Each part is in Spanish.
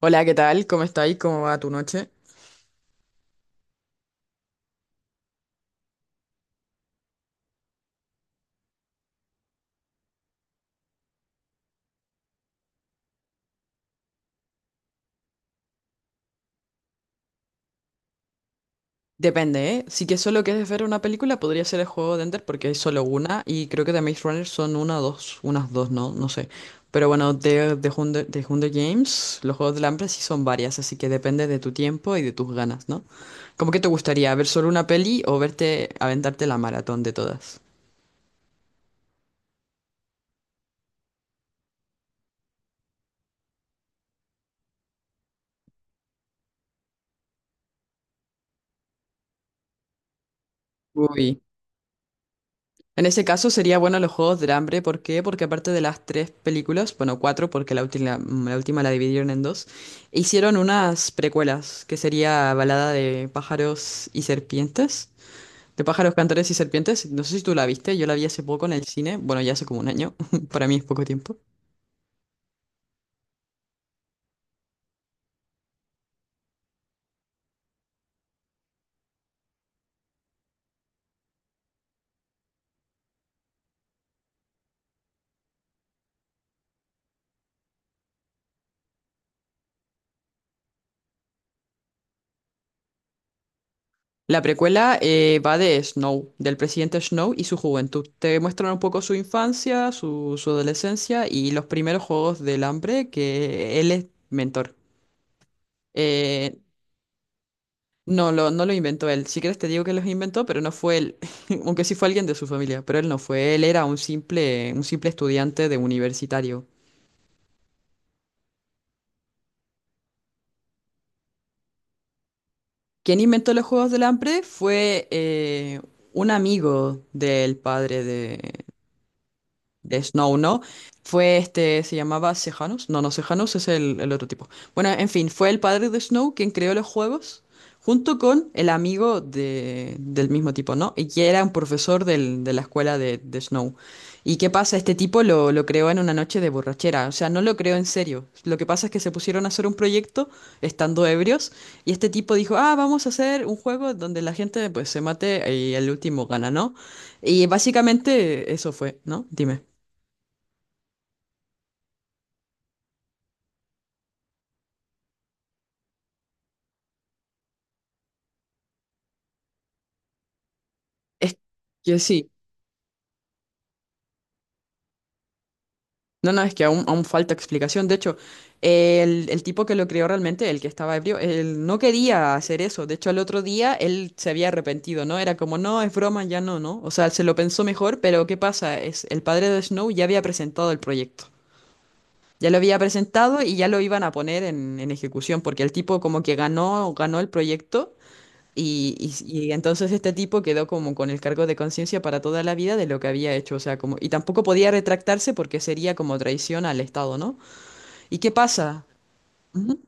Hola, ¿qué tal? ¿Cómo estáis? ¿Cómo va tu noche? Depende, ¿eh? Si que solo quieres ver una película, podría ser el juego de Ender porque hay solo una y creo que de Maze Runner son una o dos, unas dos, no sé. Pero bueno, Hunger, de Hunger Games, los juegos del hambre sí son varias, así que depende de tu tiempo y de tus ganas, ¿no? ¿Cómo que te gustaría ver solo una peli o verte aventarte la maratón de todas? Uy. En ese caso sería bueno los Juegos del Hambre. ¿Por qué? Porque aparte de las tres películas, bueno, cuatro, porque la última, la última la dividieron en dos, hicieron unas precuelas, que sería Balada de pájaros y serpientes, de pájaros, cantores y serpientes. No sé si tú la viste, yo la vi hace poco en el cine, bueno, ya hace como un año, para mí es poco tiempo. La precuela va de Snow, del presidente Snow y su juventud. Te muestran un poco su infancia, su adolescencia y los primeros Juegos del Hambre que él es mentor. Eh, no lo inventó él. Si quieres te digo que los inventó, pero no fue él. Aunque sí fue alguien de su familia, pero él no fue. Él era un simple estudiante de universitario. Quien inventó los juegos del hambre fue un amigo del padre de Snow, ¿no? Fue este, se llamaba Sejanus. No, no, Sejanus es el otro tipo. Bueno, en fin, fue el padre de Snow quien creó los juegos junto con el amigo del mismo tipo, ¿no? Y que era un profesor de la escuela de Snow. ¿Y qué pasa? Este tipo lo creó en una noche de borrachera, o sea, no lo creó en serio. Lo que pasa es que se pusieron a hacer un proyecto estando ebrios y este tipo dijo, ah, vamos a hacer un juego donde la gente pues se mate y el último gana, ¿no? Y básicamente eso fue, ¿no? Dime. Es que sí. No, no, es que aún falta explicación. De hecho, el tipo que lo creó realmente, el que estaba ebrio, él no quería hacer eso. De hecho, al otro día él se había arrepentido, ¿no? Era como, no, es broma, ya no, ¿no? O sea, se lo pensó mejor, pero ¿qué pasa? Es, el padre de Snow ya había presentado el proyecto. Ya lo había presentado y ya lo iban a poner en ejecución, porque el tipo como que ganó, ganó el proyecto. Y, y entonces este tipo quedó como con el cargo de conciencia para toda la vida de lo que había hecho, o sea, como, y tampoco podía retractarse porque sería como traición al Estado, ¿no? ¿Y qué pasa? Ujú.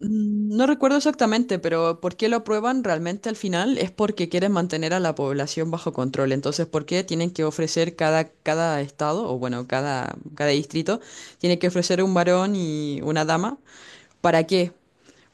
No recuerdo exactamente, pero ¿por qué lo aprueban realmente al final? Es porque quieren mantener a la población bajo control. Entonces, ¿por qué tienen que ofrecer cada estado, o bueno, cada distrito, tiene que ofrecer un varón y una dama? ¿Para qué?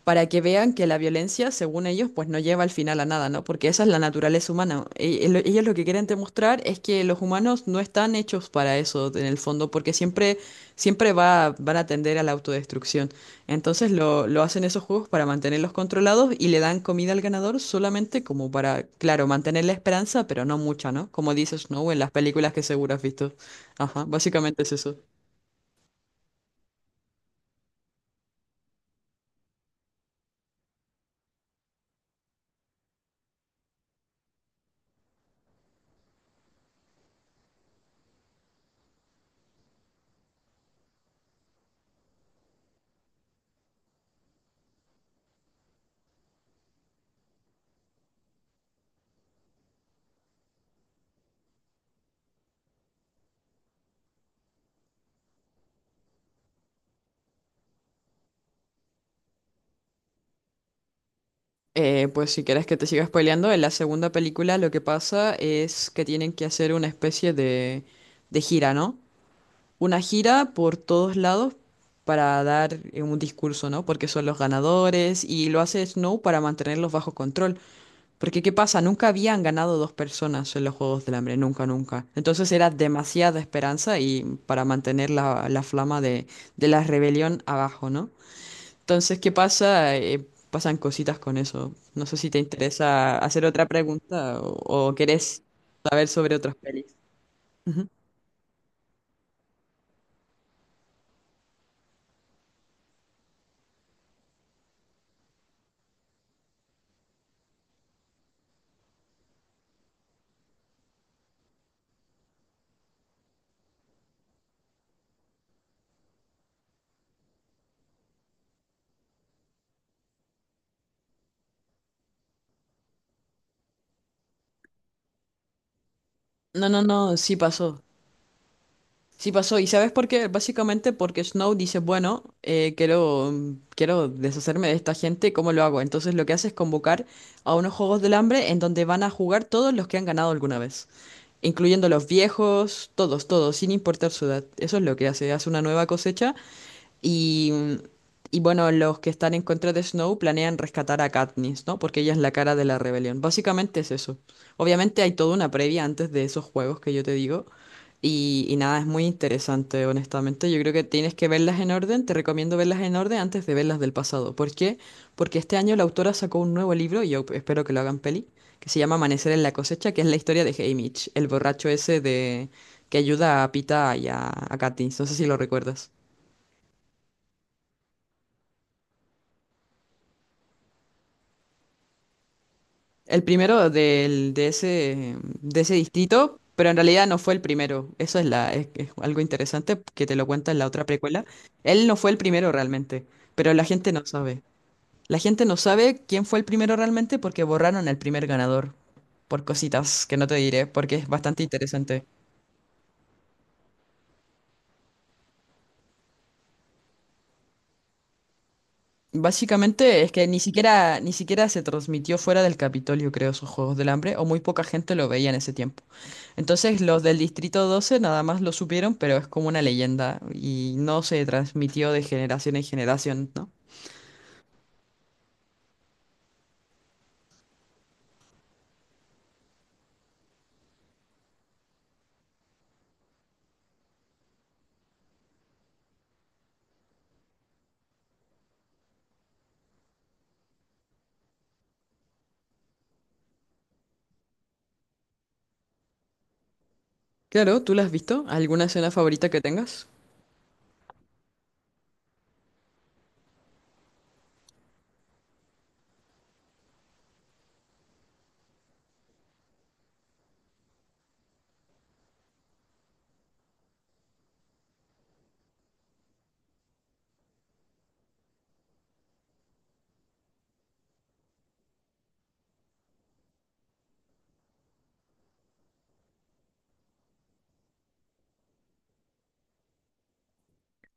Para que vean que la violencia, según ellos, pues no lleva al final a nada, ¿no? Porque esa es la naturaleza humana. Ellos lo que quieren demostrar es que los humanos no están hechos para eso, en el fondo, porque siempre, siempre van a tender a la autodestrucción. Entonces lo hacen esos juegos para mantenerlos controlados y le dan comida al ganador solamente como para, claro, mantener la esperanza, pero no mucha, ¿no? Como dices, Snow en las películas que seguro has visto. Ajá, básicamente es eso. Pues si quieres que te siga spoileando, en la segunda película lo que pasa es que tienen que hacer una especie de gira, ¿no? Una gira por todos lados para dar un discurso, ¿no? Porque son los ganadores y lo hace Snow para mantenerlos bajo control. Porque ¿qué pasa? Nunca habían ganado dos personas en los Juegos del Hambre, nunca, nunca. Entonces era demasiada esperanza y para mantener la flama de la rebelión abajo, ¿no? Entonces, ¿qué pasa? Pasan cositas con eso. No sé si te interesa hacer otra pregunta o querés saber sobre otras pelis. Ujú. No, no, no, sí pasó. Sí pasó. ¿Y sabes por qué? Básicamente porque Snow dice, bueno, quiero, quiero deshacerme de esta gente, ¿cómo lo hago? Entonces lo que hace es convocar a unos Juegos del Hambre en donde van a jugar todos los que han ganado alguna vez, incluyendo los viejos, todos, todos, sin importar su edad. Eso es lo que hace, hace una nueva cosecha. Y, y bueno, los que están en contra de Snow planean rescatar a Katniss, ¿no? Porque ella es la cara de la rebelión. Básicamente es eso. Obviamente hay toda una previa antes de esos juegos que yo te digo. Y nada, es muy interesante, honestamente. Yo creo que tienes que verlas en orden. Te recomiendo verlas en orden antes de verlas del pasado. ¿Por qué? Porque este año la autora sacó un nuevo libro, y yo espero que lo hagan peli, que se llama Amanecer en la cosecha, que es la historia de Haymitch, el borracho ese de que ayuda a Pita y a Katniss. No sé si lo recuerdas. El primero de ese distrito, pero en realidad no fue el primero. Eso es, la, es algo interesante que te lo cuenta en la otra precuela. Él no fue el primero realmente, pero la gente no sabe. La gente no sabe quién fue el primero realmente porque borraron el primer ganador, por cositas que no te diré, porque es bastante interesante. Básicamente es que ni siquiera, ni siquiera se transmitió fuera del Capitolio, creo, esos Juegos del Hambre, o muy poca gente lo veía en ese tiempo. Entonces los del Distrito 12 nada más lo supieron, pero es como una leyenda y no se transmitió de generación en generación, ¿no? Claro, ¿tú la has visto? ¿Alguna escena favorita que tengas?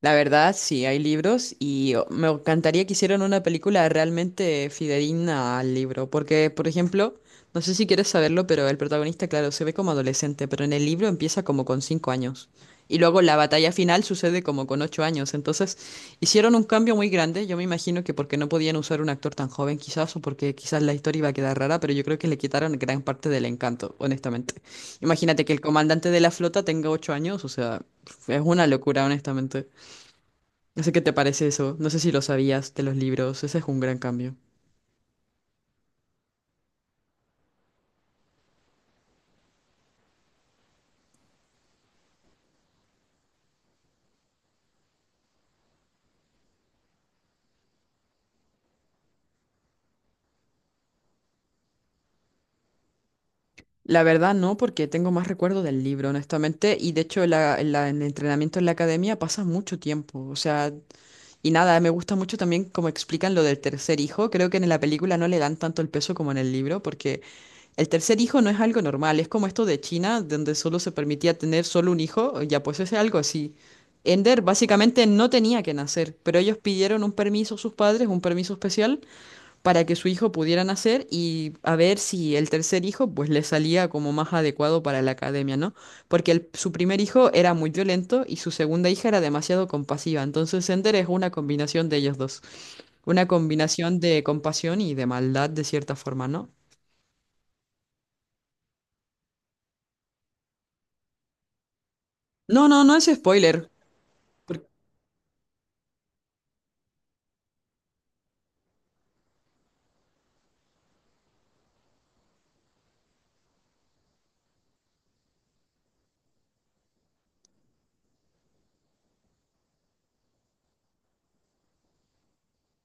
La verdad, sí, hay libros y oh, me encantaría que hicieran una película realmente fidedigna al libro, porque, por ejemplo, no sé si quieres saberlo, pero el protagonista, claro, se ve como adolescente, pero en el libro empieza como con 5 años. Y luego la batalla final sucede como con 8 años. Entonces, hicieron un cambio muy grande. Yo me imagino que porque no podían usar un actor tan joven, quizás, o porque quizás la historia iba a quedar rara, pero yo creo que le quitaron gran parte del encanto, honestamente. Imagínate que el comandante de la flota tenga 8 años, o sea, es una locura, honestamente. No sé qué te parece eso, no sé si lo sabías de los libros, ese es un gran cambio. La verdad no, porque tengo más recuerdo del libro, honestamente, y de hecho la, en el entrenamiento en la academia pasa mucho tiempo, o sea, y nada, me gusta mucho también como explican lo del tercer hijo, creo que en la película no le dan tanto el peso como en el libro, porque el tercer hijo no es algo normal, es como esto de China, donde solo se permitía tener solo un hijo, ya pues es algo así. Ender básicamente no tenía que nacer, pero ellos pidieron un permiso a sus padres, un permiso especial, para que su hijo pudiera nacer y a ver si el tercer hijo pues le salía como más adecuado para la academia, ¿no? Porque su primer hijo era muy violento y su segunda hija era demasiado compasiva, entonces Sender es una combinación de ellos dos, una combinación de compasión y de maldad de cierta forma, ¿no? No, no, no es spoiler, por-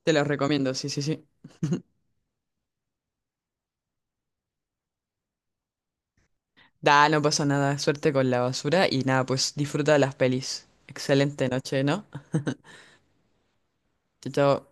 te lo recomiendo, sí, sí, sí. Da, no pasa nada, suerte con la basura y nada, pues disfruta de las pelis. Excelente noche, ¿no? Chao, chao.